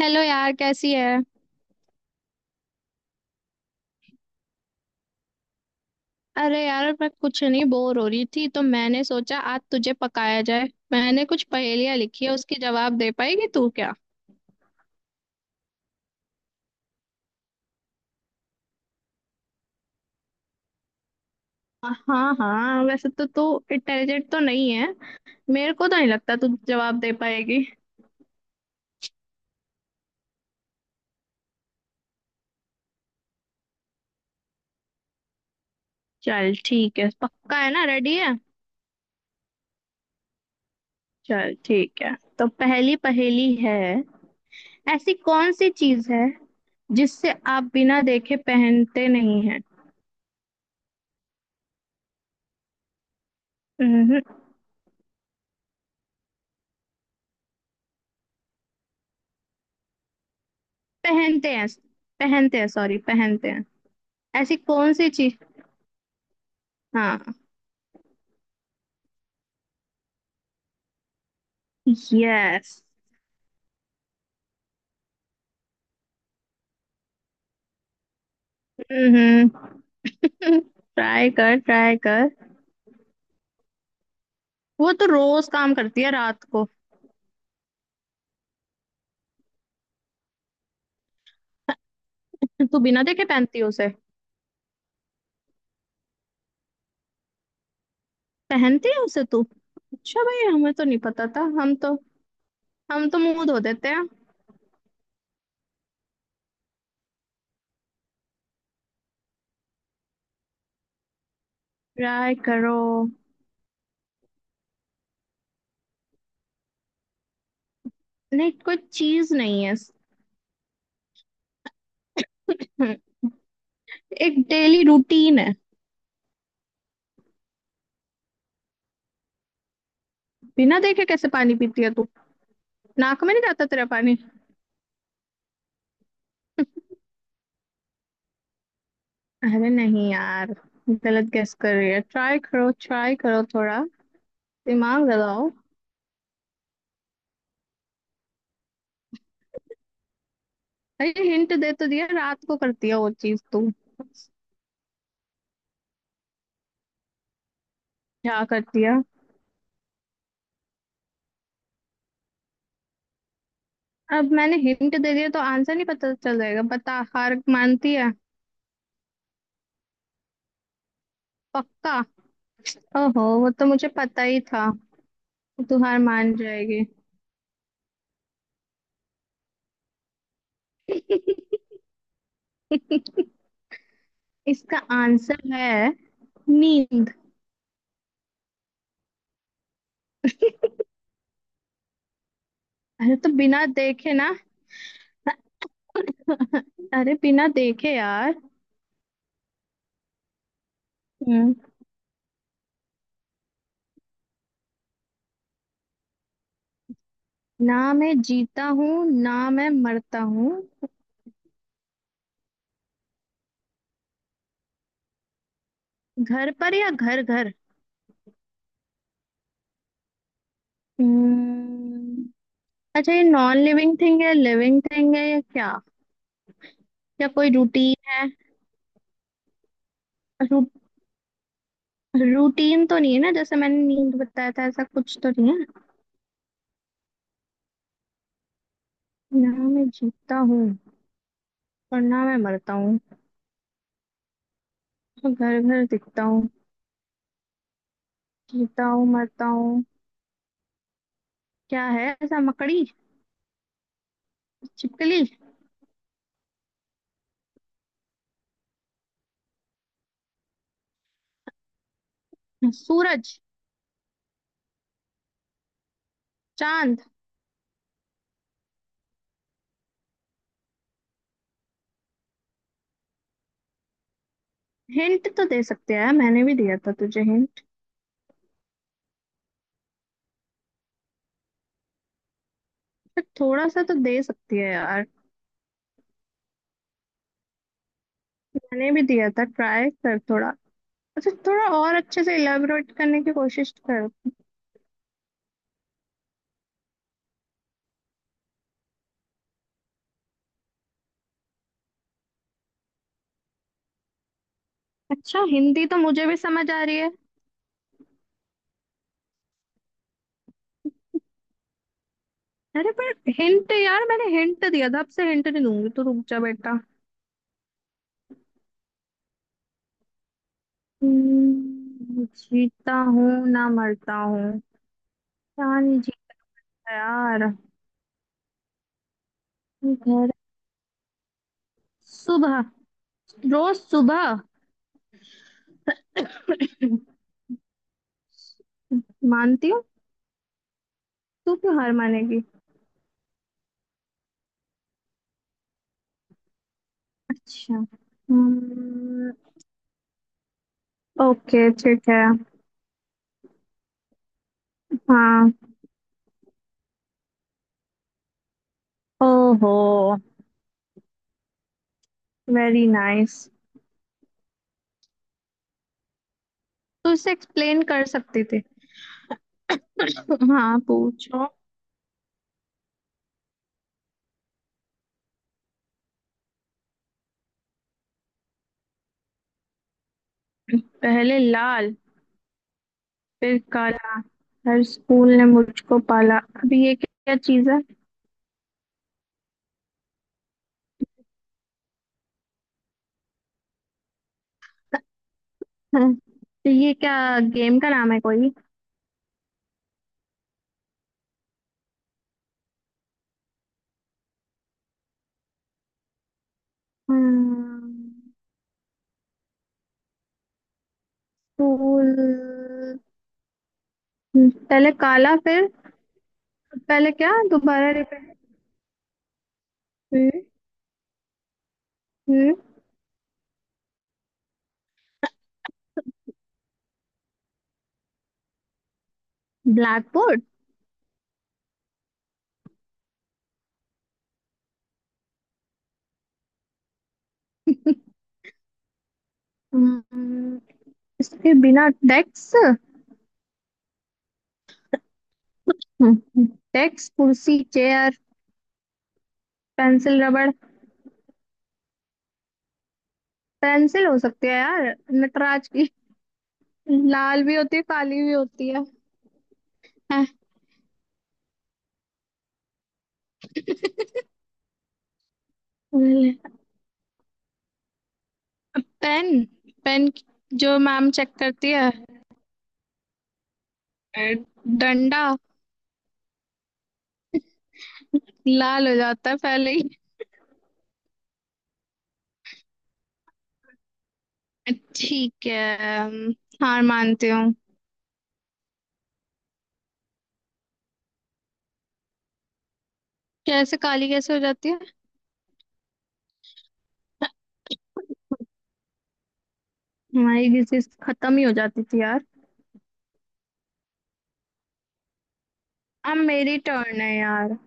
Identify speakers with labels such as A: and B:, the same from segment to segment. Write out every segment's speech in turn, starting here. A: Hello यार, कैसी है। अरे यार, मैं कुछ नहीं, बोर हो रही थी तो मैंने सोचा आज तुझे पकाया जाए। मैंने कुछ पहेलियां लिखी है, उसके जवाब दे पाएगी तू क्या। हाँ हाँ, वैसे तो तू इंटेलिजेंट तो नहीं है, मेरे को तो नहीं लगता तू जवाब दे पाएगी। चल ठीक है, पक्का है ना, रेडी है। चल ठीक है, तो पहली पहेली है। ऐसी कौन सी चीज है जिससे आप बिना देखे पहनते नहीं हैं। हम्म, हम्म, पहनते हैं, पहनते हैं, सॉरी पहनते हैं। ऐसी कौन सी चीज। हाँ। यस। हम्म। ट्राई कर, ट्राई कर। वो तो रोज काम करती है रात को। तू बिना देखे पहनती है उसे, पहनती है उसे तू। अच्छा भाई, हमें तो नहीं पता था, हम तो, हम तो मुंह धो देते हैं। ट्राई करो। नहीं, कोई चीज नहीं है। हम्म, एक डेली रूटीन है। बिना देखे कैसे पानी पीती है तू। नाक में नहीं जाता तेरा पानी। अरे नहीं यार, गलत गेस कर रही है, ट्राई करो थोड़ा, दिमाग लगाओ। अरे हिंट दे तो दिया, रात को करती है वो चीज तू। क्या करती है। अब मैंने हिंट दे दिया तो आंसर नहीं पता चल जाएगा। बता, हार मानती है। पक्का। ओहो, वो तो मुझे पता ही था। तू हार मान जाएगी। इसका आंसर है नींद। अरे तो बिना देखे ना, अरे बिना देखे यार। हम्म, ना मैं जीता हूँ ना मैं मरता हूँ। घर पर या घर घर। हम्म, अच्छा, ये नॉन लिविंग थिंग है, लिविंग थिंग है या क्या, या कोई रूटीन है। रू, रूटीन तो नहीं है ना, जैसे मैंने नींद बताया था, ऐसा कुछ तो नहीं है। ना मैं जीता हूँ और ना मैं मरता हूँ, घर घर दिखता हूँ। जीता हूँ मरता हूँ, क्या है ऐसा। मकड़ी। छिपकली। सूरज। चांद। हिंट तो दे सकते हैं, मैंने भी दिया था तुझे हिंट। थोड़ा सा तो दे सकती है यार, मैंने भी दिया था, ट्राई कर थोड़ा। अच्छा, थोड़ा और अच्छे से इलेबोरेट करने की कोशिश कर। अच्छा, हिंदी तो मुझे भी समझ आ रही है। अरे पर, हिंट यार, मैंने हिंट दिया था, अब से हिंट नहीं दूंगी, तो रुक जा बेटा। जीता हूँ ना मरता हूँ, क्या नहीं जीता यार। घर। सुबह, रोज सुबह। मानती हूँ। तू क्यों हार मानेगी। अच्छा। हम्म, ओके ठीक है। हाँ। ओहो, वेरी नाइस। तू इसे एक्सप्लेन कर सकती थी। हाँ, पूछो। पहले लाल, फिर काला, हर स्कूल ने मुझको पाला। अभी ये क्या चीज है। तो ये क्या गेम का नाम है कोई। हम्म, स्कूल। पहले काला फिर, पहले क्या, दोबारा रिपीट। हम्म। Blackboard. हम्म, इसके बिना। डेस्क, डेस्क कुर्सी चेयर, पेंसिल रबड़। पेंसिल हो सकती है यार, नटराज की, लाल भी होती है काली भी होती है। हैं, पेन, पेन जो मैम चेक करती है, डंडा, लाल हो जाता है पहले ही। ठीक है, हार मानती हूँ। कैसे काली, कैसे हो जाती है। हमारी डिजीज खत्म ही हो जाती थी यार। अब मेरी टर्न है यार।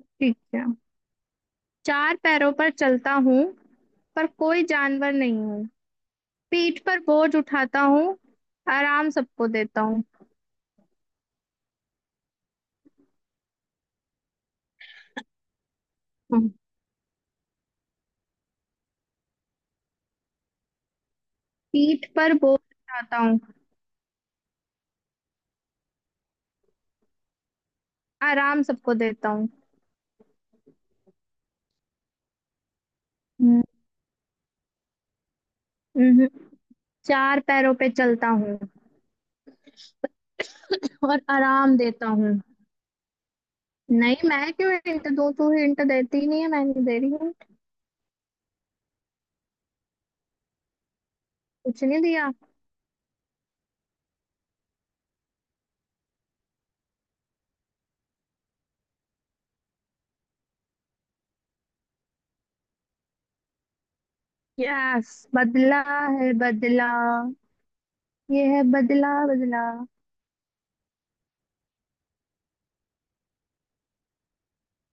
A: ठीक है। चार पैरों पर चलता हूँ पर कोई जानवर नहीं हूँ, पीठ पर बोझ उठाता हूँ, आराम सबको देता हूँ। हम्म। पीठ पर बोझ उठाता हूँ, आराम सबको देता हूँ। हम्म, हम्म। चार पैरों पे चलता हूँ और आराम देता हूँ। नहीं, मैं क्यों हिंट दो, तू हिंट देती ही नहीं है, मैंने दे रही हूँ। कुछ नहीं दिया। यस, बदला है बदला, ये है बदला बदला।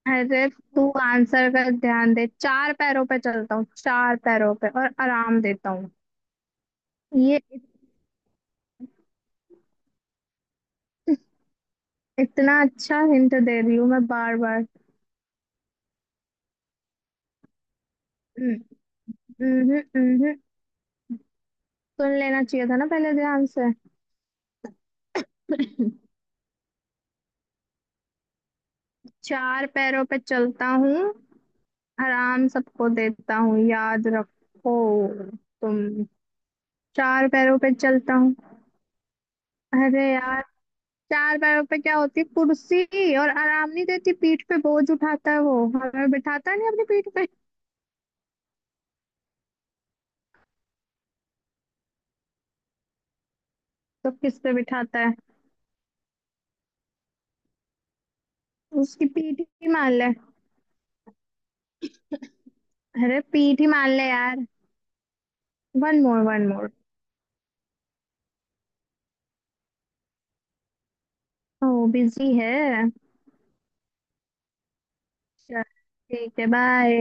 A: अरे तू आंसर का ध्यान दे, चार पैरों पे चलता हूँ, चार पैरों पे, और आराम देता हूँ। ये इत- इतना अच्छा हिंट दे रही हूँ मैं, बार बार। हम्म, हम्म, हम्म, हम्म। सुन लेना चाहिए था ना पहले ध्यान से। चार पैरों पे चलता हूँ, आराम सबको देता हूँ, याद रखो तुम। चार पैरों पे चलता हूँ। अरे यार, चार पैरों पे क्या होती है? कुर्सी। और आराम नहीं देती, पीठ पे बोझ उठाता है, वो हमें बिठाता नहीं अपनी पीठ पे। तो किस पे बिठाता है। उसकी पीठ ही मान ले, अरे पीठ ही मान ले यार। One more, one more. ओ बिजी है। चल ठीक है, बाय।